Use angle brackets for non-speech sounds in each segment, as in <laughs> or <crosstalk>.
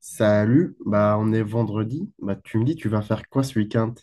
Salut, bah on est vendredi. Bah tu me dis tu vas faire quoi ce week-end?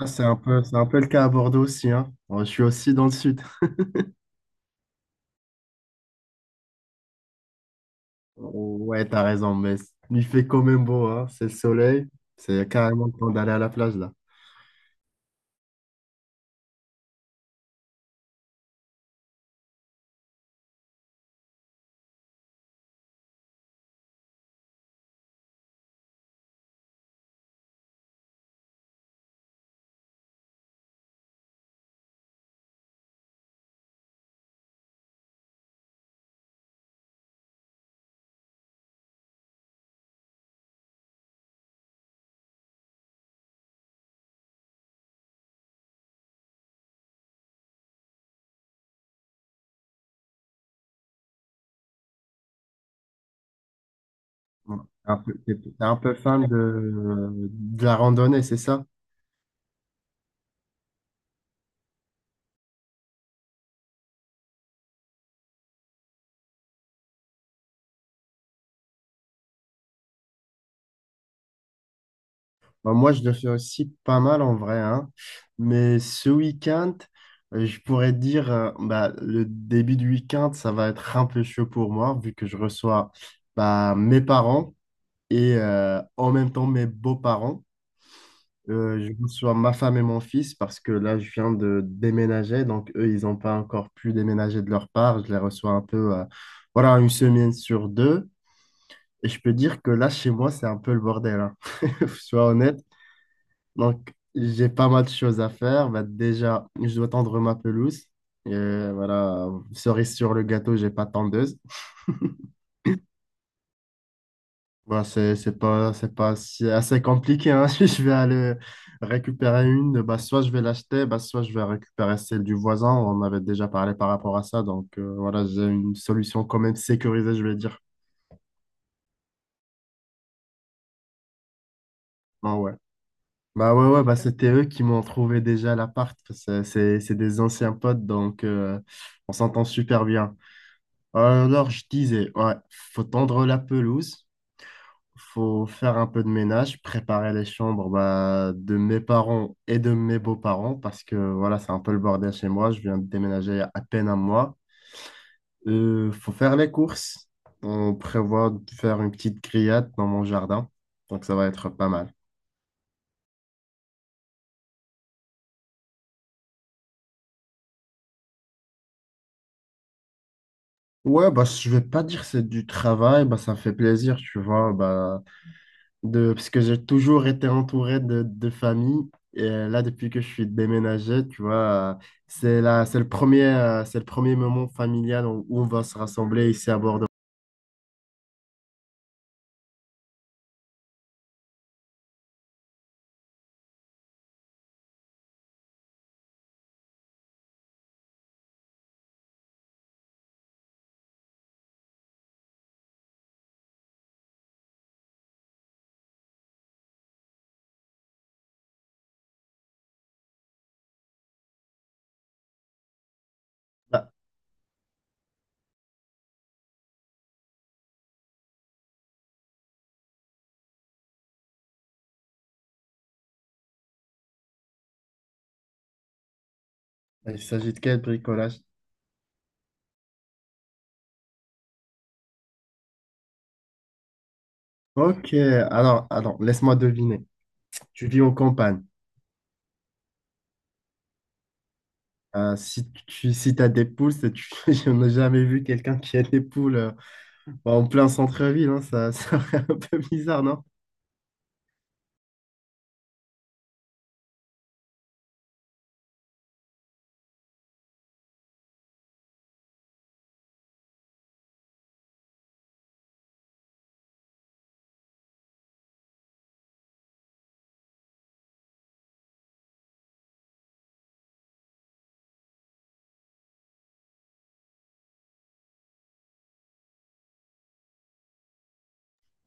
Ah, c'est un peu le cas à Bordeaux aussi, hein. Moi, je suis aussi dans le sud. Ouais, t'as raison, mais il fait quand même beau, hein. C'est le soleil. C'est carrément le temps d'aller à la plage là. Ouais. T'es un peu fan de la randonnée, c'est ça? Bah, moi, je le fais aussi pas mal en vrai, hein. Mais ce week-end, je pourrais dire, bah, le début du week-end, ça va être un peu chaud pour moi, vu que je reçois bah, mes parents et en même temps mes beaux-parents. Je reçois ma femme et mon fils parce que là, je viens de déménager, donc eux, ils n'ont pas encore pu déménager de leur part. Je les reçois un peu, voilà, une semaine sur deux. Et je peux dire que là, chez moi, c'est un peu le bordel, hein. <laughs> Sois honnête. Donc, j'ai pas mal de choses à faire. Bah, déjà, je dois tendre ma pelouse. Et voilà, cerise sur le gâteau, j'ai pas de tondeuse. Bah, c'est pas, assez compliqué, hein. <laughs> Si je vais aller récupérer une, bah, soit je vais l'acheter, bah, soit je vais récupérer celle du voisin. On avait déjà parlé par rapport à ça. Donc, voilà, j'ai une solution quand même sécurisée, je vais dire. Ah ouais. Bah ouais, ouais, bah c'était eux qui m'ont trouvé déjà l'appart. C'est des anciens potes, donc on s'entend super bien. Alors, je disais, ouais, faut tendre la pelouse, faut faire un peu de ménage, préparer les chambres bah, de mes parents et de mes beaux-parents, parce que voilà, c'est un peu le bordel chez moi, je viens de déménager il y a à peine un mois. Faut faire les courses, on prévoit de faire une petite grillade dans mon jardin, donc ça va être pas mal. Ouais, bah, je vais pas dire que c'est du travail, bah, ça fait plaisir, tu vois, bah, de, parce que j'ai toujours été entouré de famille. Et là, depuis que je suis déménagé, tu vois, c'est là, c'est le premier moment familial où, où on va se rassembler ici à Bordeaux. Ah, il s'agit de quel bricolage? Ok, alors, laisse-moi deviner. Tu vis en campagne. Si t'as des poules, <laughs> je n'ai jamais vu quelqu'un qui a des poules en plein centre-ville, hein. Ça <laughs> fait un peu bizarre.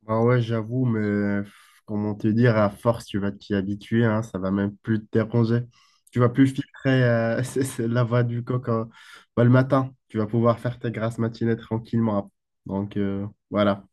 Bah ouais, j'avoue, mais comment te dire, à force, tu vas t'y habituer, hein, ça va même plus te déranger. Tu vas plus filtrer <laughs> c'est la voix du coq, hein. Bah, le matin. Tu vas pouvoir faire tes grasses matinées tranquillement. Donc voilà.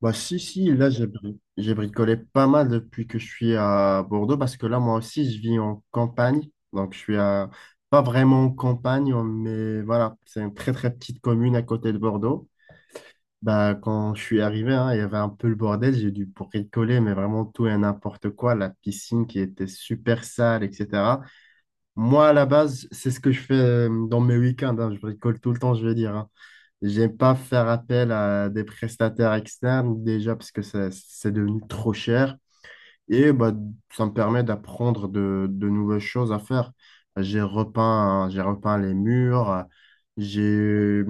Bah si, si, là, j'ai bricolé pas mal depuis que je suis à Bordeaux, parce que là, moi aussi, je vis en campagne. Donc je suis à... pas vraiment en campagne, mais voilà, c'est une très très petite commune à côté de Bordeaux. Bah, quand je suis arrivé, hein, il y avait un peu le bordel, j'ai dû bricoler, mais vraiment tout et n'importe quoi, la piscine qui était super sale, etc. Moi, à la base, c'est ce que je fais dans mes week-ends, hein, je bricole tout le temps, je veux dire, hein. J'aime pas faire appel à des prestataires externes, déjà parce que c'est devenu trop cher. Et bah, ça me permet d'apprendre de nouvelles choses à faire. J'ai repeint les murs, j'ai,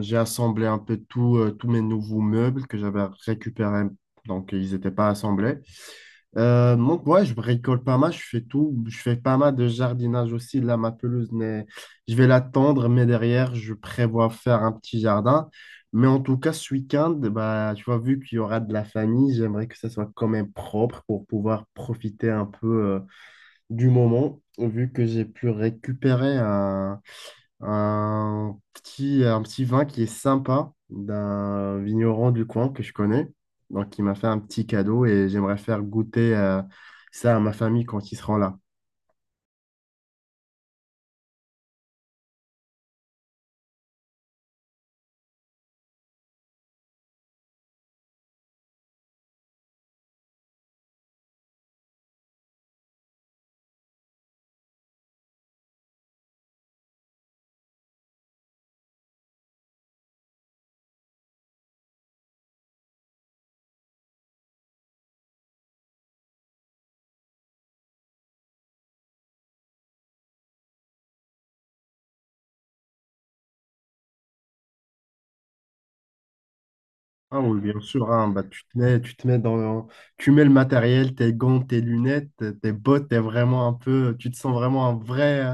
j'ai assemblé un peu tout, tous mes nouveaux meubles que j'avais récupérés, donc ils n'étaient pas assemblés. Donc, ouais, je bricole pas mal, je fais tout. Je fais pas mal de jardinage aussi. Là, ma pelouse, je vais l'attendre, mais derrière, je prévois faire un petit jardin. Mais en tout cas, ce week-end, bah, tu vois, vu qu'il y aura de la famille, j'aimerais que ça soit quand même propre pour pouvoir profiter un peu du moment, vu que j'ai pu récupérer un petit vin qui est sympa d'un vigneron du coin que je connais. Donc, il m'a fait un petit cadeau et j'aimerais faire goûter ça à ma famille quand ils seront là. Ah oui, bien sûr, hein, bah, tu te mets dans, tu mets le matériel, tes gants, tes lunettes, tes bottes, t'es vraiment un peu, tu te sens vraiment un vrai.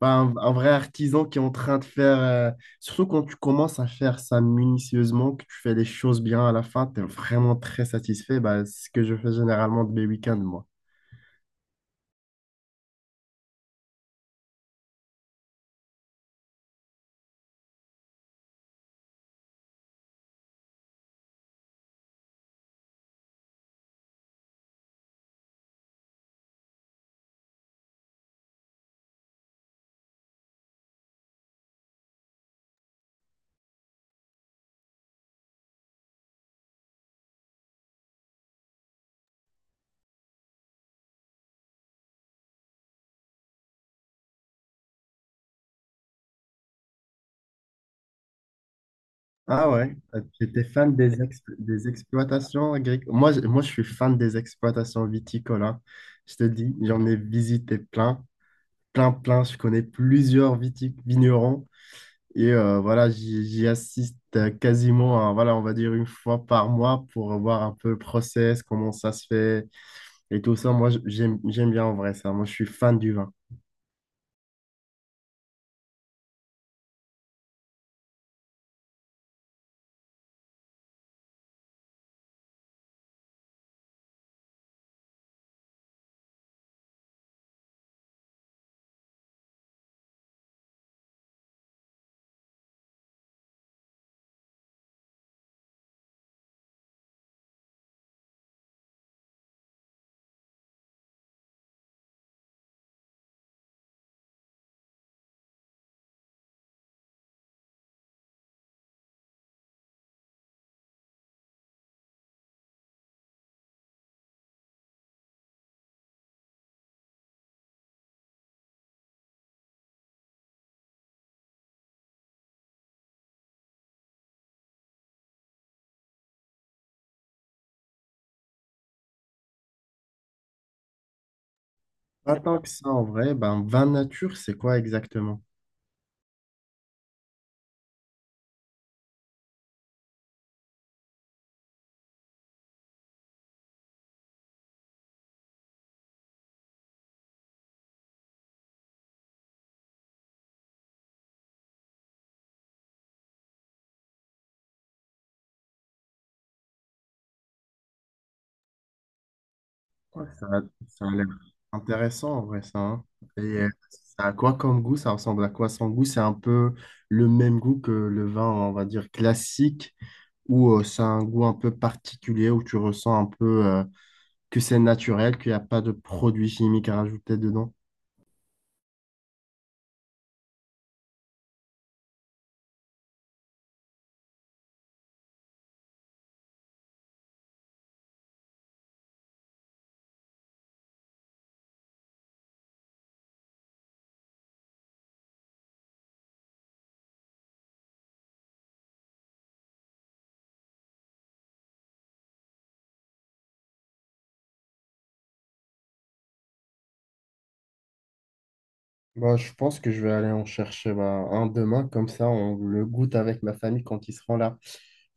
Bah, un vrai artisan qui est en train de faire, surtout quand tu commences à faire ça minutieusement, que tu fais les choses bien à la fin, tu es vraiment très satisfait. Bah, c'est ce que je fais généralement de mes week-ends, moi. Ah ouais, j'étais fan des, ex- des exploitations agricoles. Moi, je suis fan des exploitations viticoles, hein. Je te dis, j'en ai visité plein, plein, plein. Je connais plusieurs vignerons. Et voilà, j'y assiste quasiment, à, voilà, on va dire une fois par mois pour voir un peu le process, comment ça se fait et tout ça. Moi, j'aime bien en vrai ça. Moi, je suis fan du vin. Pas tant que ça en vrai, ben, vin nature, c'est quoi exactement? Ouais, ça a l'air intéressant en vrai ça, hein. Et ça a quoi comme goût? Ça ressemble à quoi son goût? C'est un peu le même goût que le vin, on va dire, classique ou ça a un goût un peu particulier où tu ressens un peu, que c'est naturel, qu'il n'y a pas de produits chimiques à rajouter dedans. Bah, je pense que je vais aller en chercher bah, un demain, comme ça on le goûte avec ma famille quand ils seront là.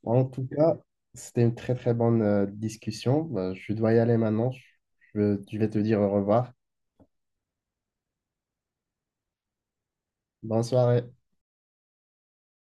En tout cas, c'était une très très bonne discussion. Bah, je dois y aller maintenant. Je vais te dire au revoir. Bonne soirée.